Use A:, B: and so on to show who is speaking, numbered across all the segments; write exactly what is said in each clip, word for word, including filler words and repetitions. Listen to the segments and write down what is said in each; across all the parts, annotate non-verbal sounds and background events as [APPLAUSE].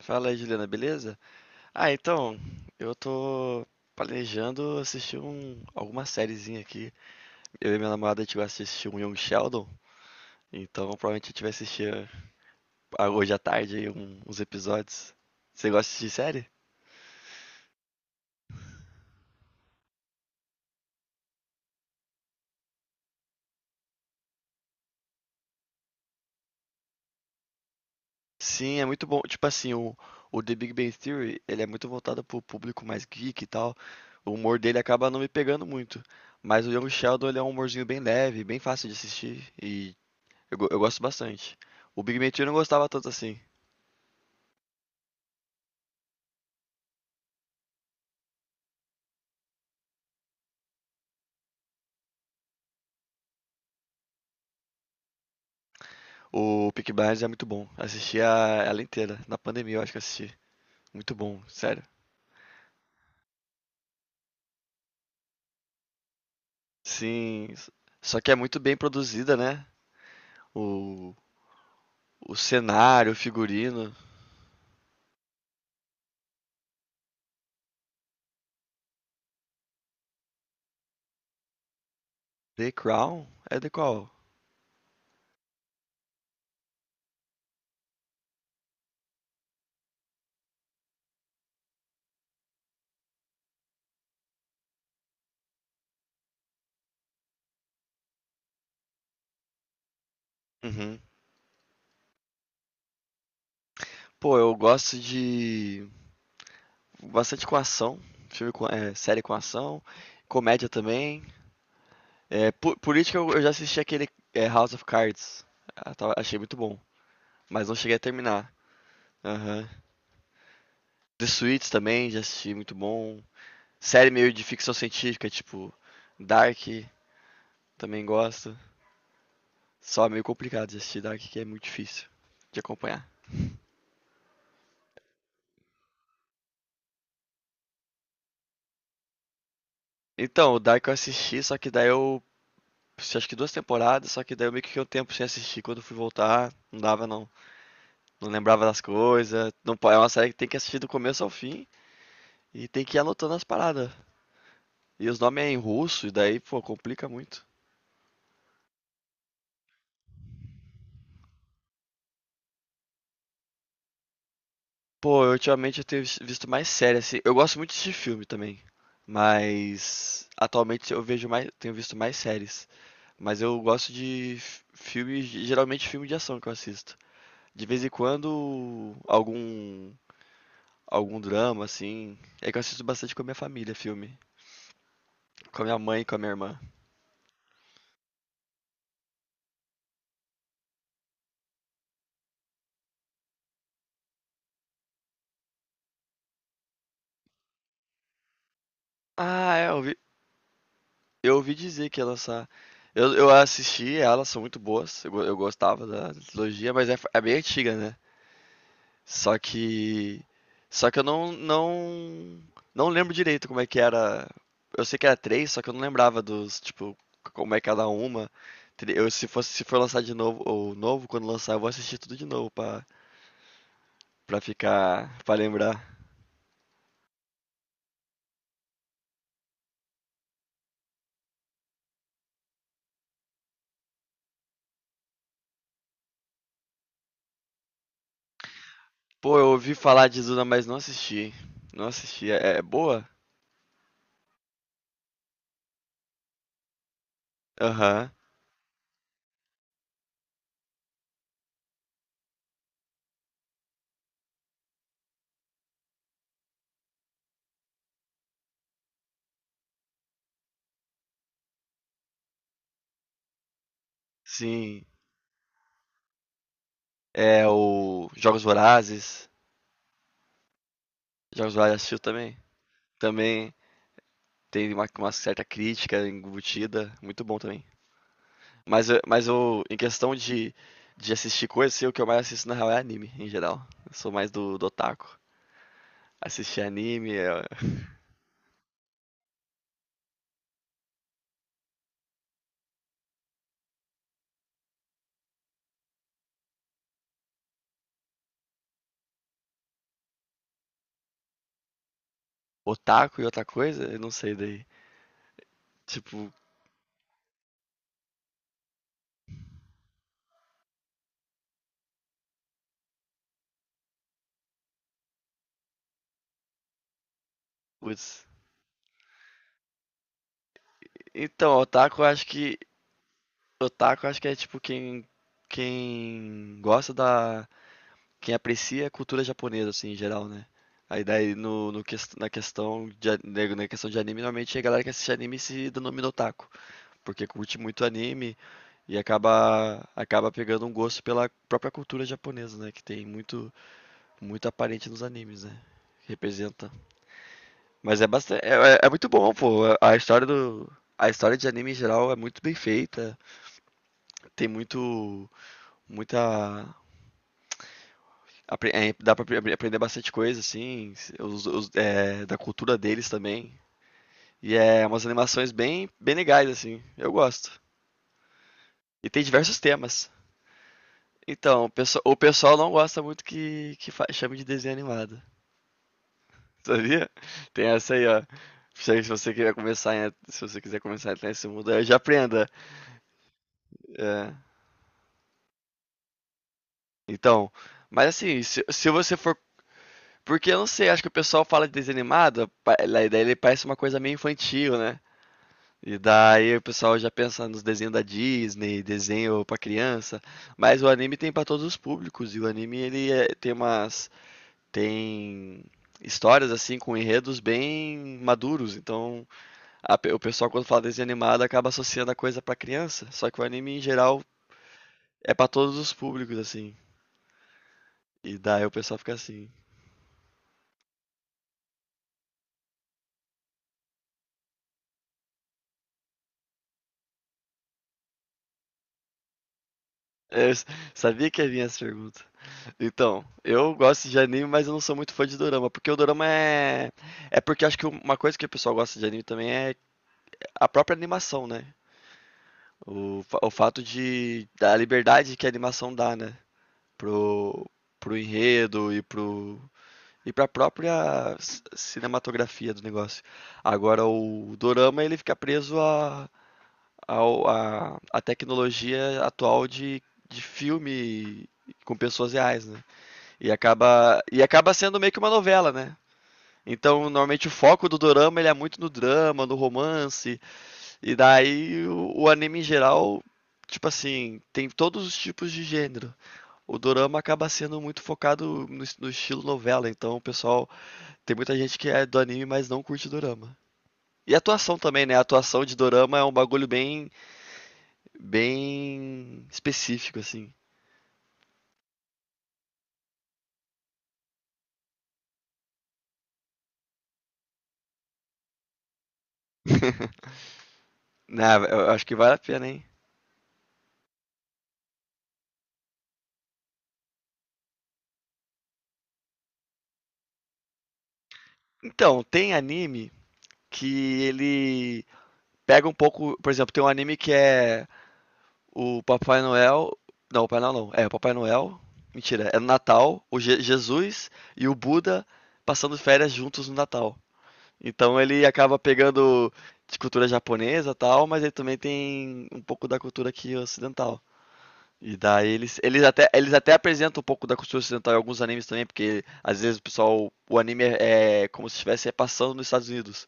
A: Fala aí, Juliana, beleza? Ah, então, eu tô planejando assistir um, alguma sériezinha aqui. Eu e minha namorada, a gente vai assistir um Young Sheldon, então provavelmente a gente vai assistir ah, hoje à tarde aí um- uns episódios. Você gosta de assistir série? Sim, é muito bom. Tipo assim, o, o The Big Bang Theory, ele é muito voltado pro público mais geek e tal. O humor dele acaba não me pegando muito. Mas o Young Sheldon, ele é um humorzinho bem leve, bem fácil de assistir e Eu, go- eu gosto bastante. O Big Bang eu não gostava tanto assim. O Peaky Blinders é muito bom. Assisti a, ela inteira. Na pandemia eu acho que eu assisti. Muito bom, sério. Sim. s- Só que é muito bem produzida, né? O, o cenário, o figurino. The Crown? É The Crown. Uhum. Pô, eu gosto de. Bastante com ação. Filme com, é, série com ação. Comédia também. É, po- política eu, eu já assisti aquele é, House of Cards. Ah, tava- achei muito bom. Mas não cheguei a terminar. Aham. The Suits também, já assisti, muito bom. Série meio de ficção científica, tipo Dark, também gosto. Só é meio complicado de assistir Dark, que é muito difícil de acompanhar. Então, o Dark eu assisti, só que daí eu assisti, acho que duas temporadas, só que daí eu meio que fiquei um tempo sem assistir. Quando eu fui voltar, não dava não. Não lembrava das coisas. Não, po- É uma série que tem que assistir do começo ao fim e tem que ir anotando as paradas. E os nomes é em russo, e daí, pô, complica muito. Pô, eu, ultimamente eu tenho vis- visto mais séries assim. Eu gosto muito de filme também, mas atualmente eu vejo mais, tenho visto mais séries. Mas eu gosto de f- filmes, geralmente filme de ação que eu assisto. De vez em quando algum algum drama, assim. É que eu assisto bastante com a minha família, filme, com a minha mãe e com a minha irmã. Ah, é, eu ouvi, eu ouvi dizer que ia lançar. Eu, eu assisti, elas são muito boas. Eu, go- eu gostava da trilogia, mas é, f- é bem antiga, né? Só que só que eu não não não lembro direito como é que era. Eu sei que era três, só que eu não lembrava dos, tipo, como é cada uma. Tre- Eu, se fosse, Se for lançar de novo, ou novo, quando lançar, eu vou assistir tudo de novo pra, pra ficar, pra lembrar. Pô, eu ouvi falar de Duna, mas não assisti. Não assisti. É, é boa? Aham. Sim. É o Jogos Vorazes. Jogos Vorazes assistiu também? Também tem uma, uma certa crítica embutida. Muito bom também. Mas, eu- mas eu, em questão de, de assistir coisas, assim, o que eu mais assisto na real é anime, em geral. Eu sou mais do, do otaku. Assistir anime, é, [LAUGHS] otaku e outra coisa, eu não sei daí. Tipo, putz. Então, otaku eu acho que. Otaku eu acho que é tipo quem. Quem gosta da. Quem aprecia a cultura japonesa, assim, em geral, né? Aí daí no, no ques- na questão de, a- na na questão de anime, normalmente a galera que assiste anime se denomina otaku. Porque curte muito anime e acaba acaba pegando um gosto pela própria cultura japonesa, né? Que tem muito muito aparente nos animes, né? Representa. Mas é bastante, é, é é muito bom, pô. A história do a história de anime em geral é muito bem feita. Tem muito muita apre- é, dá pra apre- aprender bastante coisa assim, os- os- é, da cultura deles também. E é umas animações bem bem legais assim. Eu gosto. E tem diversos temas. Então, o pesso- o pessoal não gosta muito que, que fa- chame de desenho animado, [LAUGHS] sabia? Tem essa aí, ó. Se se você quiser começar, em- se você quiser começar a entrar nesse mundo, aí já aprenda. É, então, mas assim, se, se você for, porque eu não sei, acho que o pessoal fala de desenho animado, pa- lá- daí ele parece uma coisa meio infantil, né? E daí o pessoal já pensa nos desenhos da Disney, desenho pra criança, mas o anime tem pra todos os públicos e o anime ele é- tem umas tem histórias assim com enredos bem maduros. Então, a o pessoal quando fala desenho animado acaba associando a coisa pra criança, só que o anime em geral é pra todos os públicos assim. E daí o pessoal fica assim. Eu sabia que ia vir essa pergunta. Então, eu gosto de anime, mas eu não sou muito fã de dorama, porque o dorama é é porque acho que uma coisa que o pessoal gosta de anime também é a própria animação, né? O, fa- o fato de da liberdade que a animação dá, né? pro, Pro enredo e pro e para a própria c- cinematografia do negócio. Agora o dorama ele fica preso à a a a tecnologia atual de, de filme com pessoas reais, né? E acaba e acaba sendo meio que uma novela, né? Então, normalmente o foco do dorama ele é muito no drama, no romance, e daí o, o anime em geral, tipo assim, tem todos os tipos de gênero. O dorama acaba sendo muito focado no es no estilo novela, então o pessoal tem muita gente que é do anime, mas não curte dorama. E a atuação também, né, a atuação de dorama é um bagulho bem bem específico, assim. [LAUGHS] Na eu eu acho que vale a pena, hein. Então, tem anime que ele pega um pouco por exemplo, tem um anime que é o Papai Noel não, o Papai Noel não, é o Papai Noel mentira, é no Natal, o Je Jesus e o Buda passando férias juntos no Natal. Então ele acaba pegando de cultura japonesa e tal, mas ele também tem um pouco da cultura aqui ocidental. E daí eles, eles até, eles até apresentam um pouco da cultura ocidental em alguns animes também, porque às vezes o pessoal, o anime é, é como se estivesse passando nos Estados Unidos.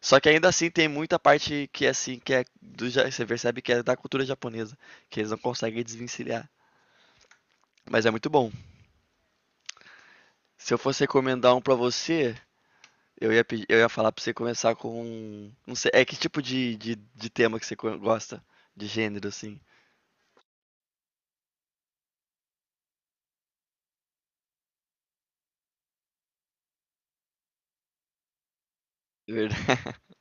A: Só que ainda assim tem muita parte que é assim, que é do, ja- você percebe que é da cultura japonesa, que eles não conseguem desvencilhar. Mas é muito bom. Se eu fosse recomendar um pra você, Eu ia, pedir, eu ia falar pra você começar com. Não sei, é que tipo de, de, de tema que você co- gosta? De gênero, assim. De verdade. [LAUGHS]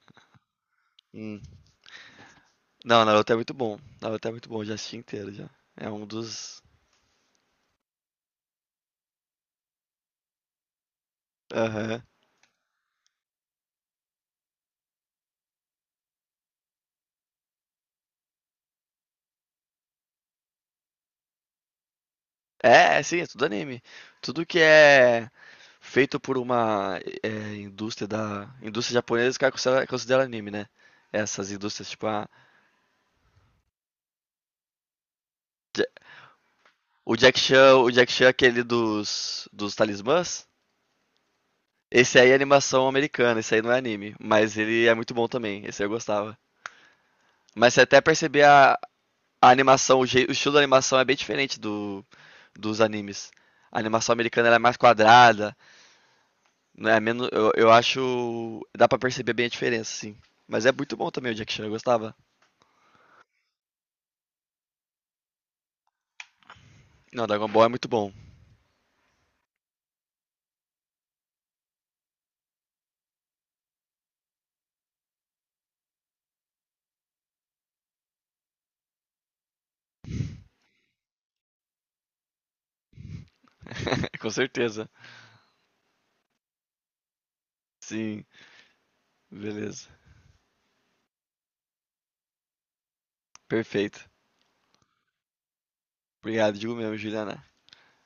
A: Hum. Não, Naruto é muito bom. Naruto é muito bom, já assisti inteiro já. É um dos. Aham. É, é, sim, é tudo anime. Tudo que é feito por uma é, Indústria da. Indústria japonesa, os caras consideram considera anime, né? Essas indústrias, tipo a. Ja- O Jack Chan, o Jack Chan é aquele dos. dos talismãs. Esse aí é animação americana, esse aí não é anime, mas ele é muito bom também, esse aí eu gostava. Mas você até perceber a, a animação, o, jeito, o estilo da animação é bem diferente do, dos animes. A animação americana ela é mais quadrada, não é menos, eu, eu acho, dá pra perceber bem a diferença, sim. Mas é muito bom também o Jack Chan, eu gostava. Não, Dragon Ball é muito bom. [LAUGHS] Com certeza. Sim, beleza. Perfeito. Obrigado, digo mesmo, Juliana.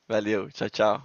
A: Valeu, tchau, tchau.